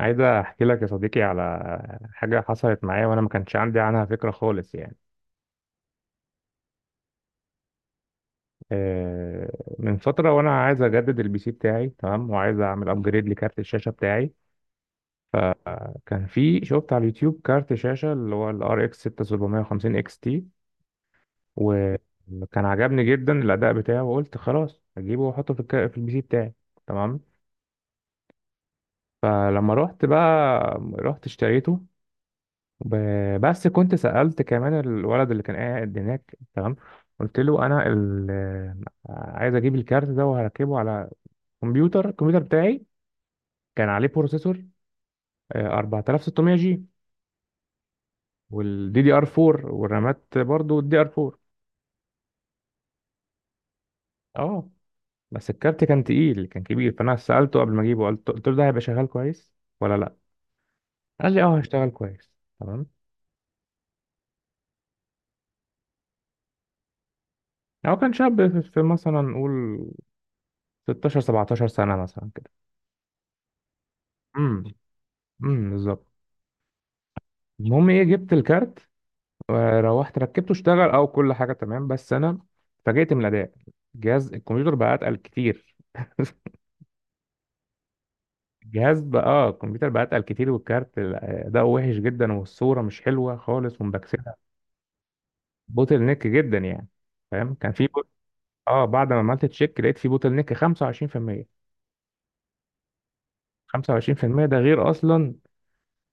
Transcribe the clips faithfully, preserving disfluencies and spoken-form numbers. عايز احكي لك يا صديقي على حاجه حصلت معايا وانا ما كانش عندي عنها فكره خالص يعني. آه، من فتره وانا عايز اجدد البي سي بتاعي، تمام. وعايز اعمل ابجريد لكارت الشاشه بتاعي، فكان في، شفت على اليوتيوب كارت شاشه اللي هو الار اكس ستة آلاف وسبعمية وخمسين اكس تي، وكان عجبني جدا الاداء بتاعه. وقلت خلاص اجيبه واحطه في الك... في البي سي بتاعي، تمام. فلما رحت بقى، رحت اشتريته، ب- بس كنت سألت كمان الولد اللي كان قاعد هناك، تمام. قلت له انا ال- عايز اجيب الكارت ده وهركبه على كمبيوتر الكمبيوتر بتاعي. كان عليه بروسيسور، آه، اربعة آلاف وستمية جي، والدي دي ار اربعة، والرامات برضو الدي ار اربعة. اه، بس الكارت كان تقيل، كان كبير. فانا سألته قبل ما اجيبه، قلت قلت له ده هيبقى شغال كويس ولا لا؟ قال لي اه، هيشتغل كويس، تمام. هو كان شاب، في في مثلا نقول ستاشر سبعتاشر سنة مثلا كده. امم امم بالظبط. المهم ايه، جبت الكارت وروحت ركبته، اشتغل او كل حاجه تمام، بس انا اتفاجئت من الاداء. الجهاز الكمبيوتر بقى اتقل كتير. الجهاز بقى اه الكمبيوتر بقى اتقل كتير، والكارت اداؤه وحش جدا، والصوره مش حلوه خالص ومبكسله. بوتل نيك جدا يعني، فاهم؟ كان في بوت... اه، بعد ما عملت تشيك لقيت في بوتل نيك خمسة وعشرين بالمية. خمسة وعشرين بالمية ده غير اصلا،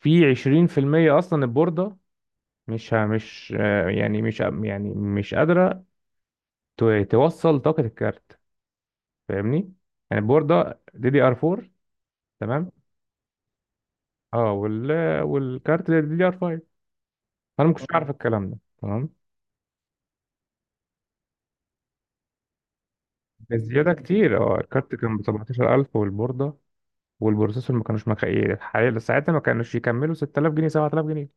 في عشرون في المئة اصلا البورده مش ه- مش آه، يعني مش يعني مش قادره ت- توصل طاقه الكارت، فاهمني؟ يعني البورده دي دي ار اربعة، تمام. اه وال والكارت دي دي ار خمسة، فانا ما كنتش اعرف الكلام ده، تمام. الزياده كتير، اه. الكارت كان ب سبعتاشر الف، والبورده والبروسيسور ما كانوش مكفيين، حاليا ساعتها ما كانوش يكملوا ستة آلاف جنيه سبع تلاف جنيه.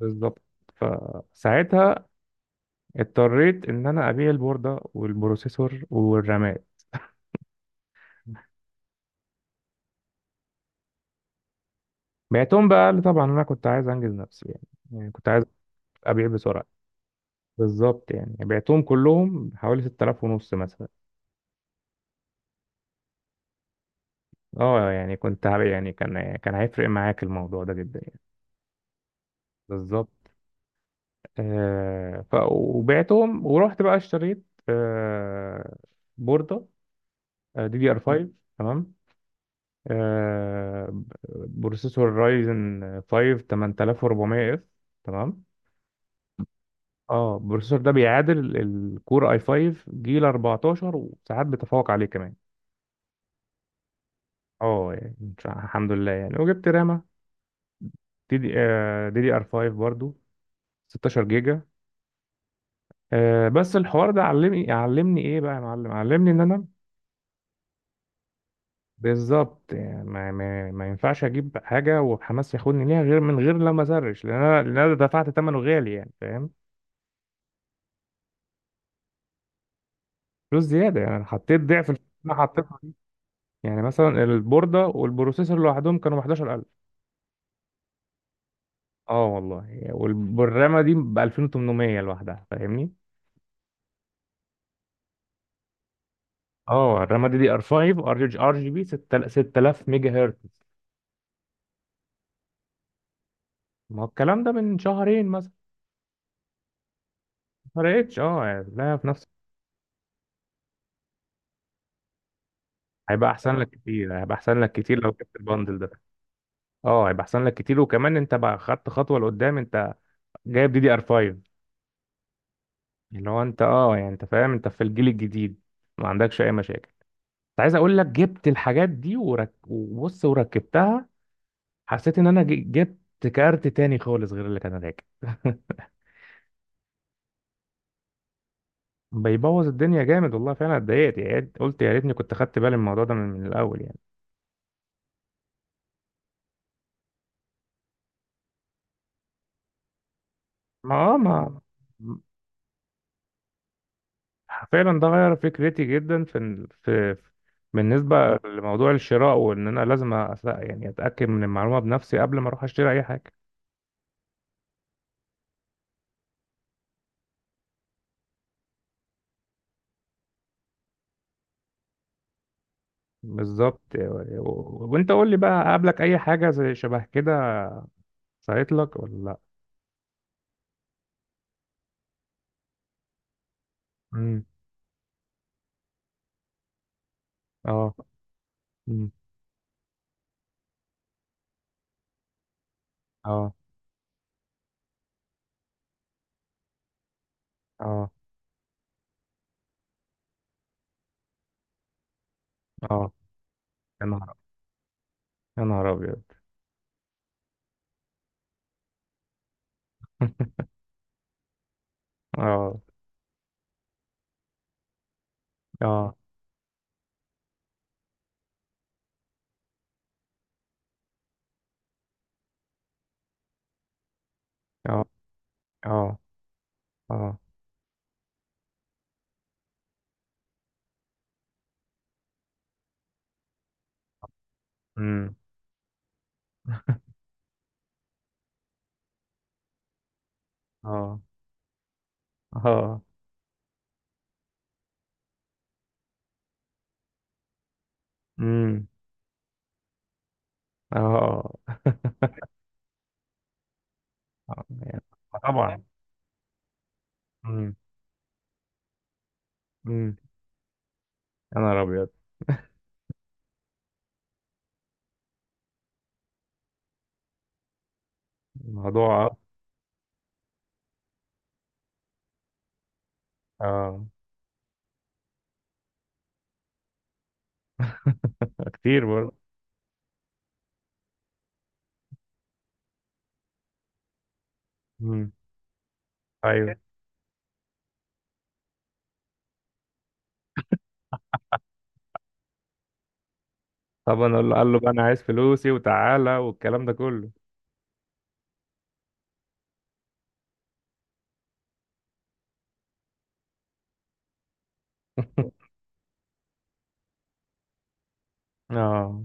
بالظبط. فساعتها اضطريت ان انا ابيع البورده والبروسيسور والرامات. بعتهم بقى لي طبعا، انا كنت عايز انجز نفسي يعني، يعني كنت عايز ابيع بسرعه. بالظبط. يعني بعتهم كلهم حوالي ستة آلاف ونص مثلا. اه، يعني كنت هب- يعني كان كان هيفرق معاك الموضوع ده جدا يعني. بالظبط. آه ف وبعتهم ورحت بقى اشتريت، آه بوردة دي دي ار خمسة، تمام. آه ب- بروسيسور رايزن خمسة تمنتلاف واربعمية اف، تمام. اه، البروسيسور ده بيعادل الكور اي خمسة جيل اربعة عشر، وساعات بيتفوق عليه كمان. اه يعني إن شاء- الحمد لله يعني. وجبت رامة دي دي دي ار خمسة برضو، ستاشر جيجا. آه، بس الحوار ده علمني، علمني ايه بقى يا معلم، علمني ان انا، بالظبط، يعني ما, ما, ما ينفعش اجيب حاجه وحماس ياخدني ليها غير من غير لما اسرش. لان انا لان انا دفعت ثمنه غالي يعني، فاهم؟ فلوس زياده يعني، انا حطيت ضعف الفلوس اللي انا حطيتها دي. يعني مثلا البورده والبروسيسور لوحدهم كانوا ب حداشر الف، اه والله. وال- والرامه دي ب الفين وتمنمية لوحدها، فاهمني؟ اه، الرامه دي دي ار خمسة، ار جي ار جي بي ستة آلاف ميجا هرتز. ما هو الكلام ده من شهرين مثلا. ما فرقتش اه، يعني لا، في نفس. هيبقى احسن لك كتير، هيبقى احسن لك كتير لو جبت الباندل ده. اه، هيبقى احسن لك كتير. وكمان انت بقى خدت خطوه لقدام، انت جايب دي دي ار خمسة، اللي هو انت اه، يعني انت فاهم، انت في الجيل الجديد ما عندكش اي مشاكل. كنت عايز اقول لك، جبت الحاجات دي ورك... وبص وركبتها، حسيت ان انا ج- جبت كارت تاني خالص غير اللي كان راكب. بيبوظ الدنيا جامد والله، فعلا اتضايقت. يا ريت- قلت يا ريتني كنت خدت بالي من الموضوع ده من من الاول يعني. ما اه ما فعلا ده غير فكرتي جدا في ال- في، بالنسبة لموضوع الشراء، وإن أنا لازم أس- يعني أتأكد من المعلومة بنفسي قبل ما أروح أشتري أي حاجة. بالظبط. و- و- وأنت قول لي بقى، قابلك أي حاجة زي شبه كده، صارت لك ولا لأ؟ مم. أه. مم. أه، أه، أه. يا نهار يا نهار أبيض. أه، أه، أه، أه، أه. مم. أه، أه. مم. أه. آه. يعني، طبعا. مم. يا نهار ابيض. الموضوع، اه، كتير برضه. مم. ايوه. طبعا. قال له قال له بقى، انا عايز فلوسي وتعالى والكلام ده كله. اه،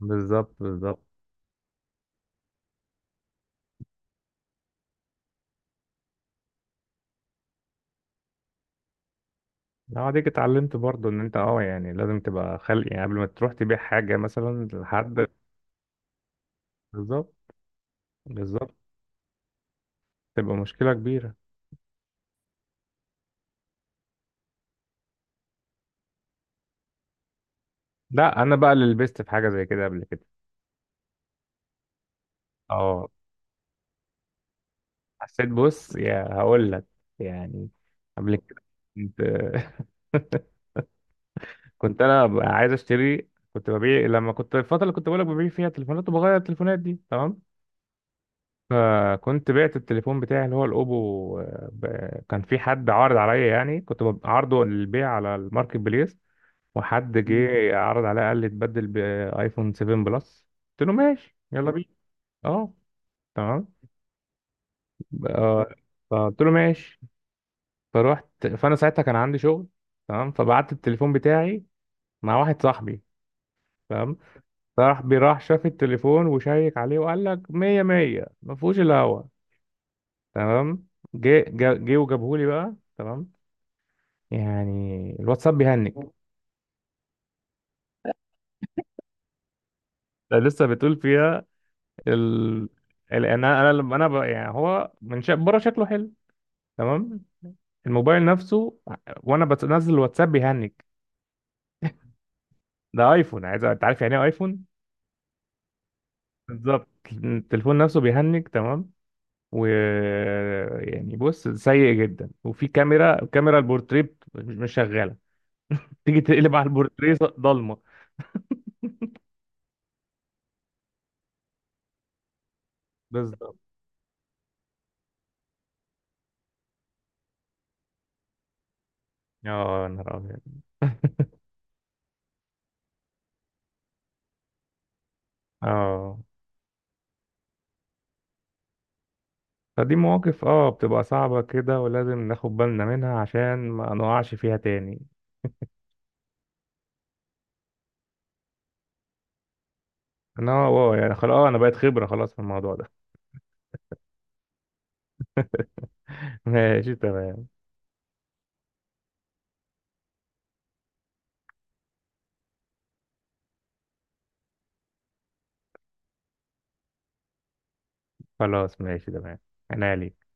بالظبط، بالظبط. لو عليك اتعلمت برضه ان انت اه، يعني لازم تبقى خلق يعني قبل ما تروح تبيع حاجه مثلا لحد. بالظبط، بالظبط. تبقى مشكله كبيره. لا، انا بقى اللي لبست في حاجه زي كده قبل كده. اه، حسيت. بص يا، هقول لك يعني. قبل كده كنت، كنت انا ب- عايز اشتري، كنت ببيع لما كنت، الفتره اللي كنت بقولك ببيع فيها تليفونات وبغير التليفونات دي، تمام. فكنت بعت التليفون بتاعي اللي هو الاوبو، آه، ب- كان في حد عارض عليا يعني، كنت بب- عارضه للبيع على الماركت بليس. وحد مم. جه عرض عليا، قال لي اتبدل بايفون سبعة بلس. قلت له ماشي يلا بينا. اه، تمام. ب- آه، فقلت له ماشي. فروحت، فانا ساعتها كان عندي شغل، تمام. فبعت التليفون بتاعي مع واحد صاحبي، تمام. راح بيراح شاف التليفون وشيك عليه وقال لك مية مية، ما فيهوش الا هوا، تمام. جه جه جه وجابهولي بقى، تمام. يعني الواتساب بيهنج. ده لسه بتقول فيها، ال... ال... انا انا لما انا ب... يعني هو من شا... بره شكله حلو، تمام. الموبايل نفسه، وانا بنزل الواتساب بيهنج. ده ايفون، عايز، انت عارف يعني ايه ايفون. بالظبط. التليفون نفسه بيهنج، تمام. و يعني بص، سيء جدا. وفي كاميرا، الكاميرا البورتريه بت- مش مش شغاله. تيجي تقلب على البورتريه، ضلمه. بالظبط. اه، يا نهار ابيض. اه، فدي مواقف اه بتبقى صعبة كده، ولازم ناخد بالنا منها عشان ما نقعش فيها تاني. انا اه، يعني خلاص، آه، انا بقيت خبرة خلاص في الموضوع ده. ماشي، تمام. خلاص، ماشي، تمام. انا ليك.